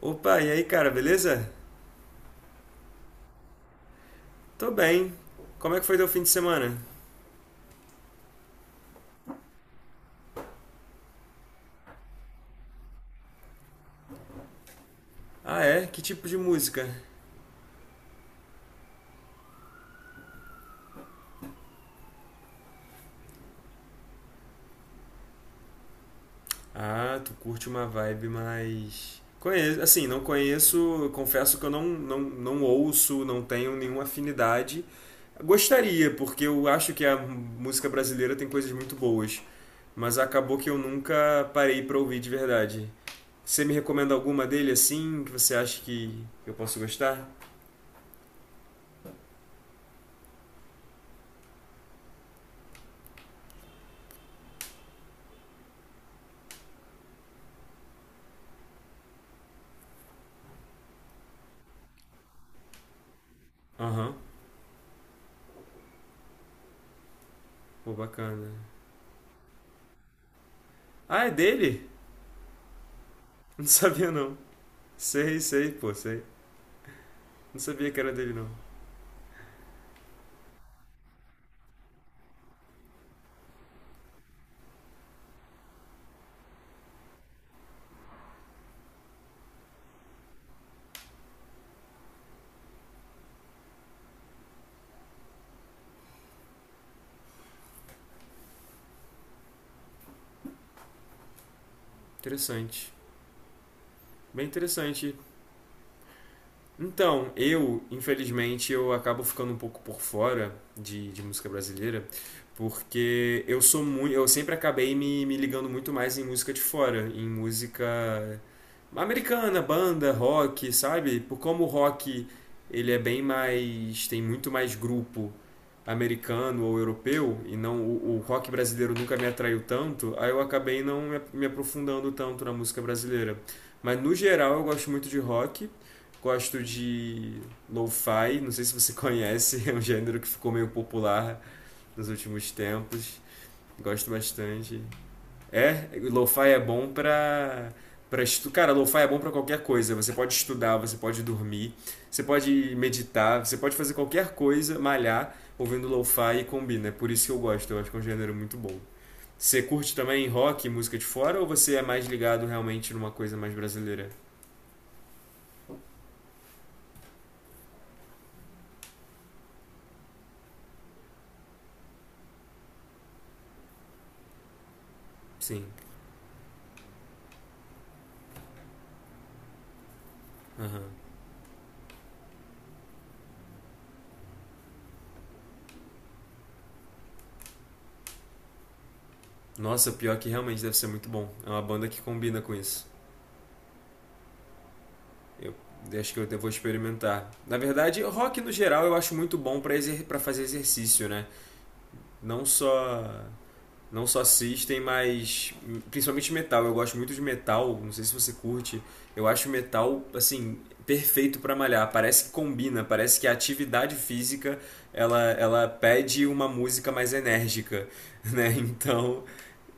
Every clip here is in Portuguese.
Opa, e aí, cara, beleza? Tô bem. Como é que foi teu fim de semana? Ah, é? Que tipo de música? Ah, tu curte uma vibe mais. Conheço, assim, não conheço, confesso que eu não ouço, não tenho nenhuma afinidade. Gostaria, porque eu acho que a música brasileira tem coisas muito boas, mas acabou que eu nunca parei pra ouvir de verdade. Você me recomenda alguma dele assim, que você acha que eu posso gostar? Aham, pô, bacana. Ah, é dele? Não sabia não. Sei, sei, pô, sei. Não sabia que era dele não. Interessante. Bem interessante. Então, eu, infelizmente, eu acabo ficando um pouco por fora de música brasileira, porque eu sou muito, eu sempre acabei me ligando muito mais em música de fora, em música americana, banda, rock, sabe? Por como o rock ele é bem mais, tem muito mais grupo americano ou europeu e não o rock brasileiro nunca me atraiu tanto, aí eu acabei não me aprofundando tanto na música brasileira. Mas no geral eu gosto muito de rock. Gosto de lo-fi, não sei se você conhece, é um gênero que ficou meio popular nos últimos tempos. Gosto bastante. É, lo-fi é bom pra para estu... Cara, lo-fi é bom para qualquer coisa. Você pode estudar, você pode dormir, você pode meditar, você pode fazer qualquer coisa, malhar, ouvindo lo-fi e combina. É por isso que eu gosto, eu acho que é um gênero muito bom. Você curte também rock, música de fora, ou você é mais ligado realmente numa coisa mais brasileira? Sim. Aham. Nossa, pior é que realmente deve ser muito bom. É uma banda que combina com isso. Eu acho que eu até vou experimentar. Na verdade, rock no geral eu acho muito bom para exer pra fazer exercício, né? Não só não só assistem, mas principalmente metal. Eu gosto muito de metal, não sei se você curte. Eu acho metal assim perfeito para malhar. Parece que combina, parece que a atividade física ela pede uma música mais enérgica, né? Então,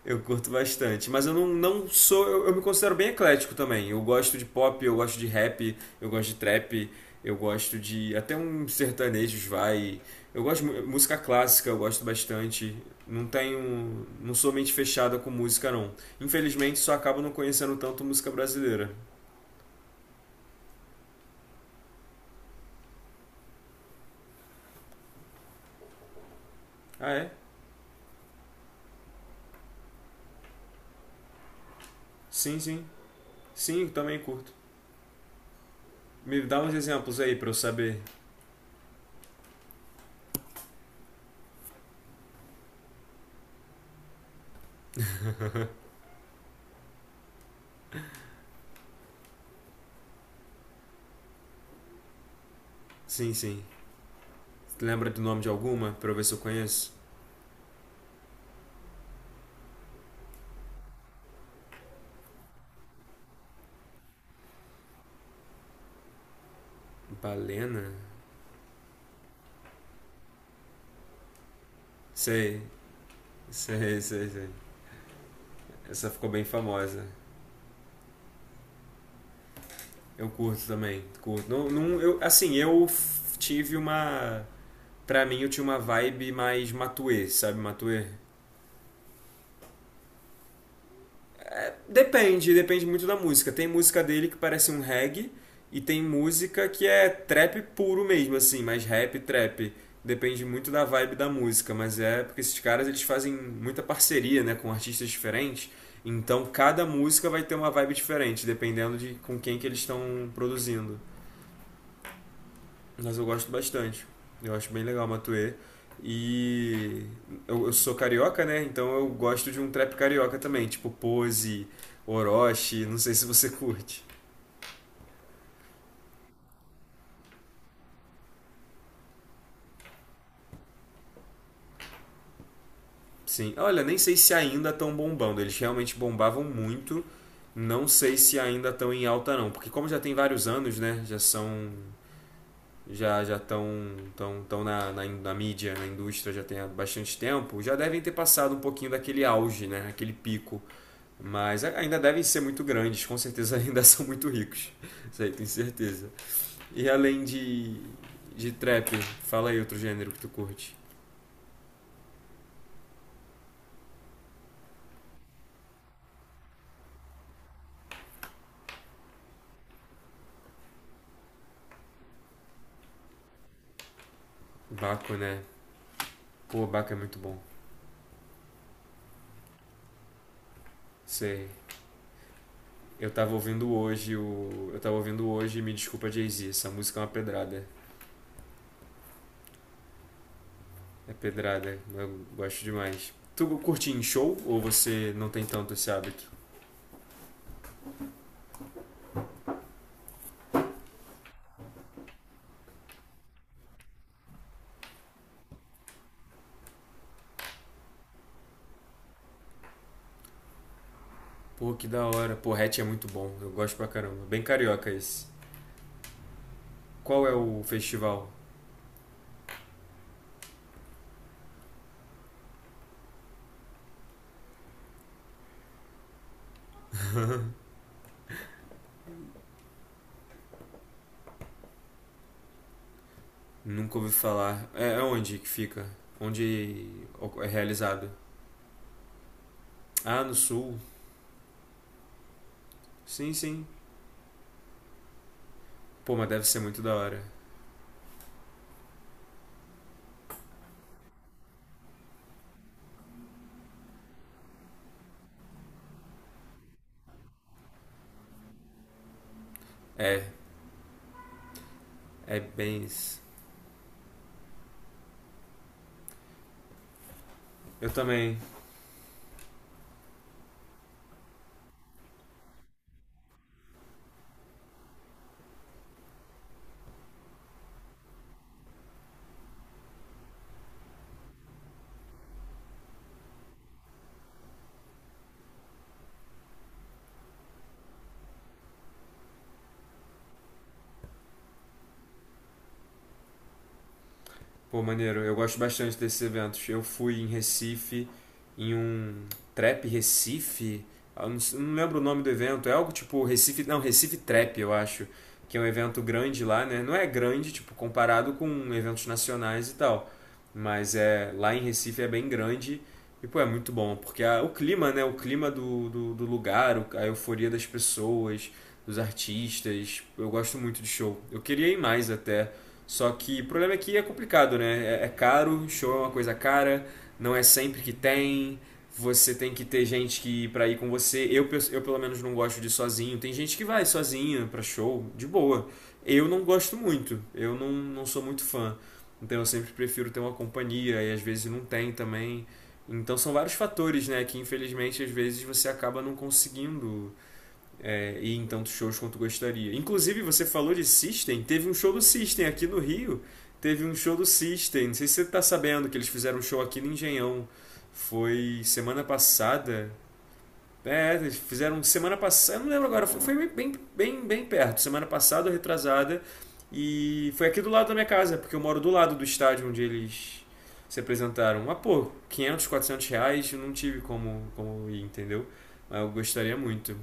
eu curto bastante, mas eu não, não sou. Eu me considero bem eclético também. Eu gosto de pop, eu gosto de rap, eu gosto de trap, eu gosto de. Até uns sertanejos vai. Eu gosto de mu- música clássica, eu gosto bastante. Não tenho. Não sou mente fechada com música, não. Infelizmente, só acabo não conhecendo tanto música brasileira. Ah, é? Sim, sim. Sim, também curto. Me dá uns exemplos aí pra eu saber. Sim, sim. Lembra do nome de alguma pra eu ver se eu conheço? Balena? Sei. Sei, sei, sei. Essa ficou bem famosa. Eu curto também, curto. Não, não, eu, assim, eu f- tive uma. Pra mim, eu tinha uma vibe mais Matuê, sabe? Matuê? Depende, depende muito da música. Tem música dele que parece um reggae e tem música que é trap puro mesmo, assim, mais rap, trap. Depende muito da vibe da música, mas é porque esses caras eles fazem muita parceria, né, com artistas diferentes. Então cada música vai ter uma vibe diferente, dependendo de com quem que eles estão produzindo. Mas eu gosto bastante. Eu acho bem legal o Matuê. E eu sou carioca, né? Então eu gosto de um trap carioca também, tipo Pose, Orochi, não sei se você curte. Sim, olha, nem sei se ainda estão bombando. Eles realmente bombavam muito. Não sei se ainda estão em alta não, porque como já tem vários anos, né? Já são já já estão tão, tão na mídia, na indústria já tem há bastante tempo, já devem ter passado um pouquinho daquele auge, né? Aquele pico. Mas ainda devem ser muito grandes, com certeza ainda são muito ricos. Isso aí, tenho certeza. E além de trap, fala aí outro gênero que tu curte. Baco, né? Pô, Baco é muito bom. Sei. Eu tava ouvindo hoje o. Eu tava ouvindo hoje Me Desculpa Jay-Z. Essa música é uma pedrada. É pedrada, eu gosto demais. Tu curte em show ou você não tem tanto esse hábito? Pô, que da hora. Pô, Hatch é muito bom. Eu gosto pra caramba. Bem carioca esse. Qual é o festival? Nunca ouvi falar. É, é onde que fica? Onde é realizado? Ah, no sul. Sim, sim. Pô, mas deve ser muito da hora. É, é bem isso. Eu também. Pô, maneiro, eu gosto bastante desses eventos. Eu fui em Recife, em um Trap Recife. Eu não, s- não lembro o nome do evento, é algo tipo Recife, não, Recife Trap, eu acho, que é um evento grande lá, né? Não é grande, tipo, comparado com eventos nacionais e tal, mas é lá em Recife é bem grande e, pô, é muito bom, porque a- o clima, né? O clima do lugar, o- a euforia das pessoas, dos artistas, eu gosto muito de show. Eu queria ir mais até, só que o problema é que é complicado, né? É, é caro, show é uma coisa cara, não é sempre que tem. Você tem que ter gente que para ir com você. Eu, pe- eu pelo menos não gosto de ir sozinho. Tem gente que vai sozinha pra show, de boa. Eu não gosto muito. Eu não, não sou muito fã. Então eu sempre prefiro ter uma companhia e às vezes não tem também. Então são vários fatores, né, que infelizmente às vezes você acaba não conseguindo ir em tantos shows quanto gostaria. Inclusive, você falou de System, teve um show do System aqui no Rio. Teve um show do System, não sei se você tá sabendo que eles fizeram um show aqui no Engenhão. Foi semana passada. É, eles fizeram semana passada, eu não lembro agora, foi- foi bem perto, semana passada ou retrasada. E foi aqui do lado da minha casa, porque eu moro do lado do estádio onde eles se apresentaram. Ah, pô, R$ 500 R$ 400, eu não tive como, como ir, entendeu? Mas eu gostaria muito.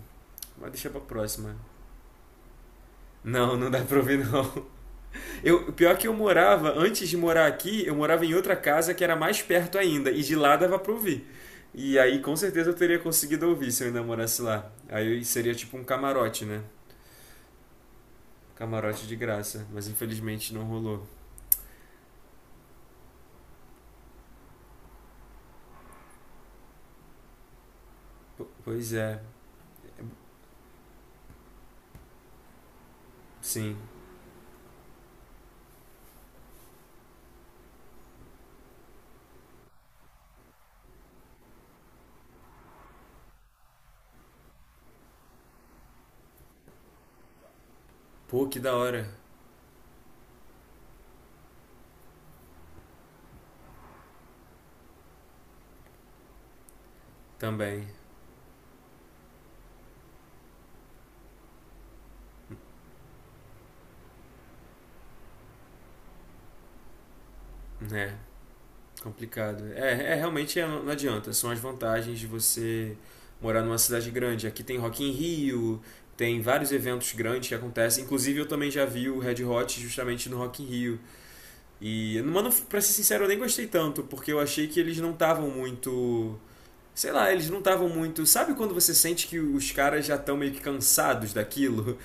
Mas deixa pra próxima. Não, não dá pra ouvir não. Eu, pior é que eu morava, antes de morar aqui, eu morava em outra casa que era mais perto ainda, e de lá dava pra ouvir. E aí com certeza eu teria conseguido ouvir se eu ainda morasse lá. Aí seria tipo um camarote, né? Camarote de graça, mas infelizmente não rolou. P- pois é, sim. Pô, que da hora também, né? Complicado. É, é realmente é, não adianta. São as vantagens de você morar numa cidade grande. Aqui tem Rock in Rio, tem vários eventos grandes que acontecem. Inclusive eu também já vi o Red Hot justamente no Rock in Rio. E, mano, pra ser sincero, eu nem gostei tanto, porque eu achei que eles não estavam muito sei lá, eles não estavam muito. Sabe quando você sente que os caras já estão meio que cansados daquilo?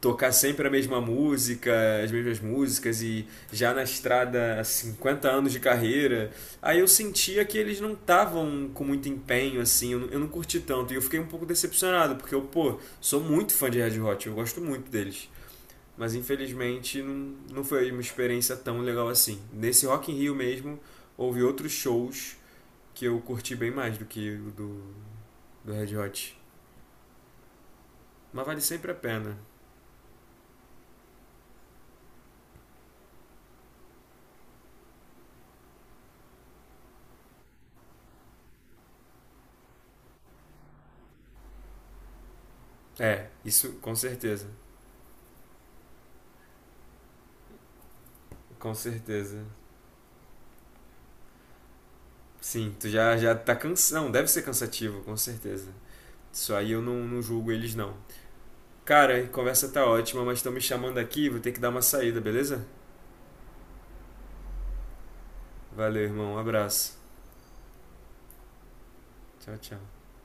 Tocar sempre a mesma música, as mesmas músicas e já na estrada há 50 anos de carreira, aí eu sentia que eles não estavam com muito empenho, assim, eu não curti tanto e eu fiquei um pouco decepcionado, porque eu, pô, sou muito fã de Red Hot, eu gosto muito deles. Mas infelizmente não, não foi uma experiência tão legal assim. Nesse Rock in Rio mesmo, houve outros shows que eu curti bem mais do que o do Red Hot. Mas vale sempre a pena. É, isso com certeza. Com certeza. Sim, tu já tá cansado. Não, deve ser cansativo, com certeza. Isso aí eu não, não julgo eles, não. Cara, a conversa tá ótima, mas estão me chamando aqui, vou ter que dar uma saída, beleza? Valeu, irmão. Um abraço. Tchau, tchau.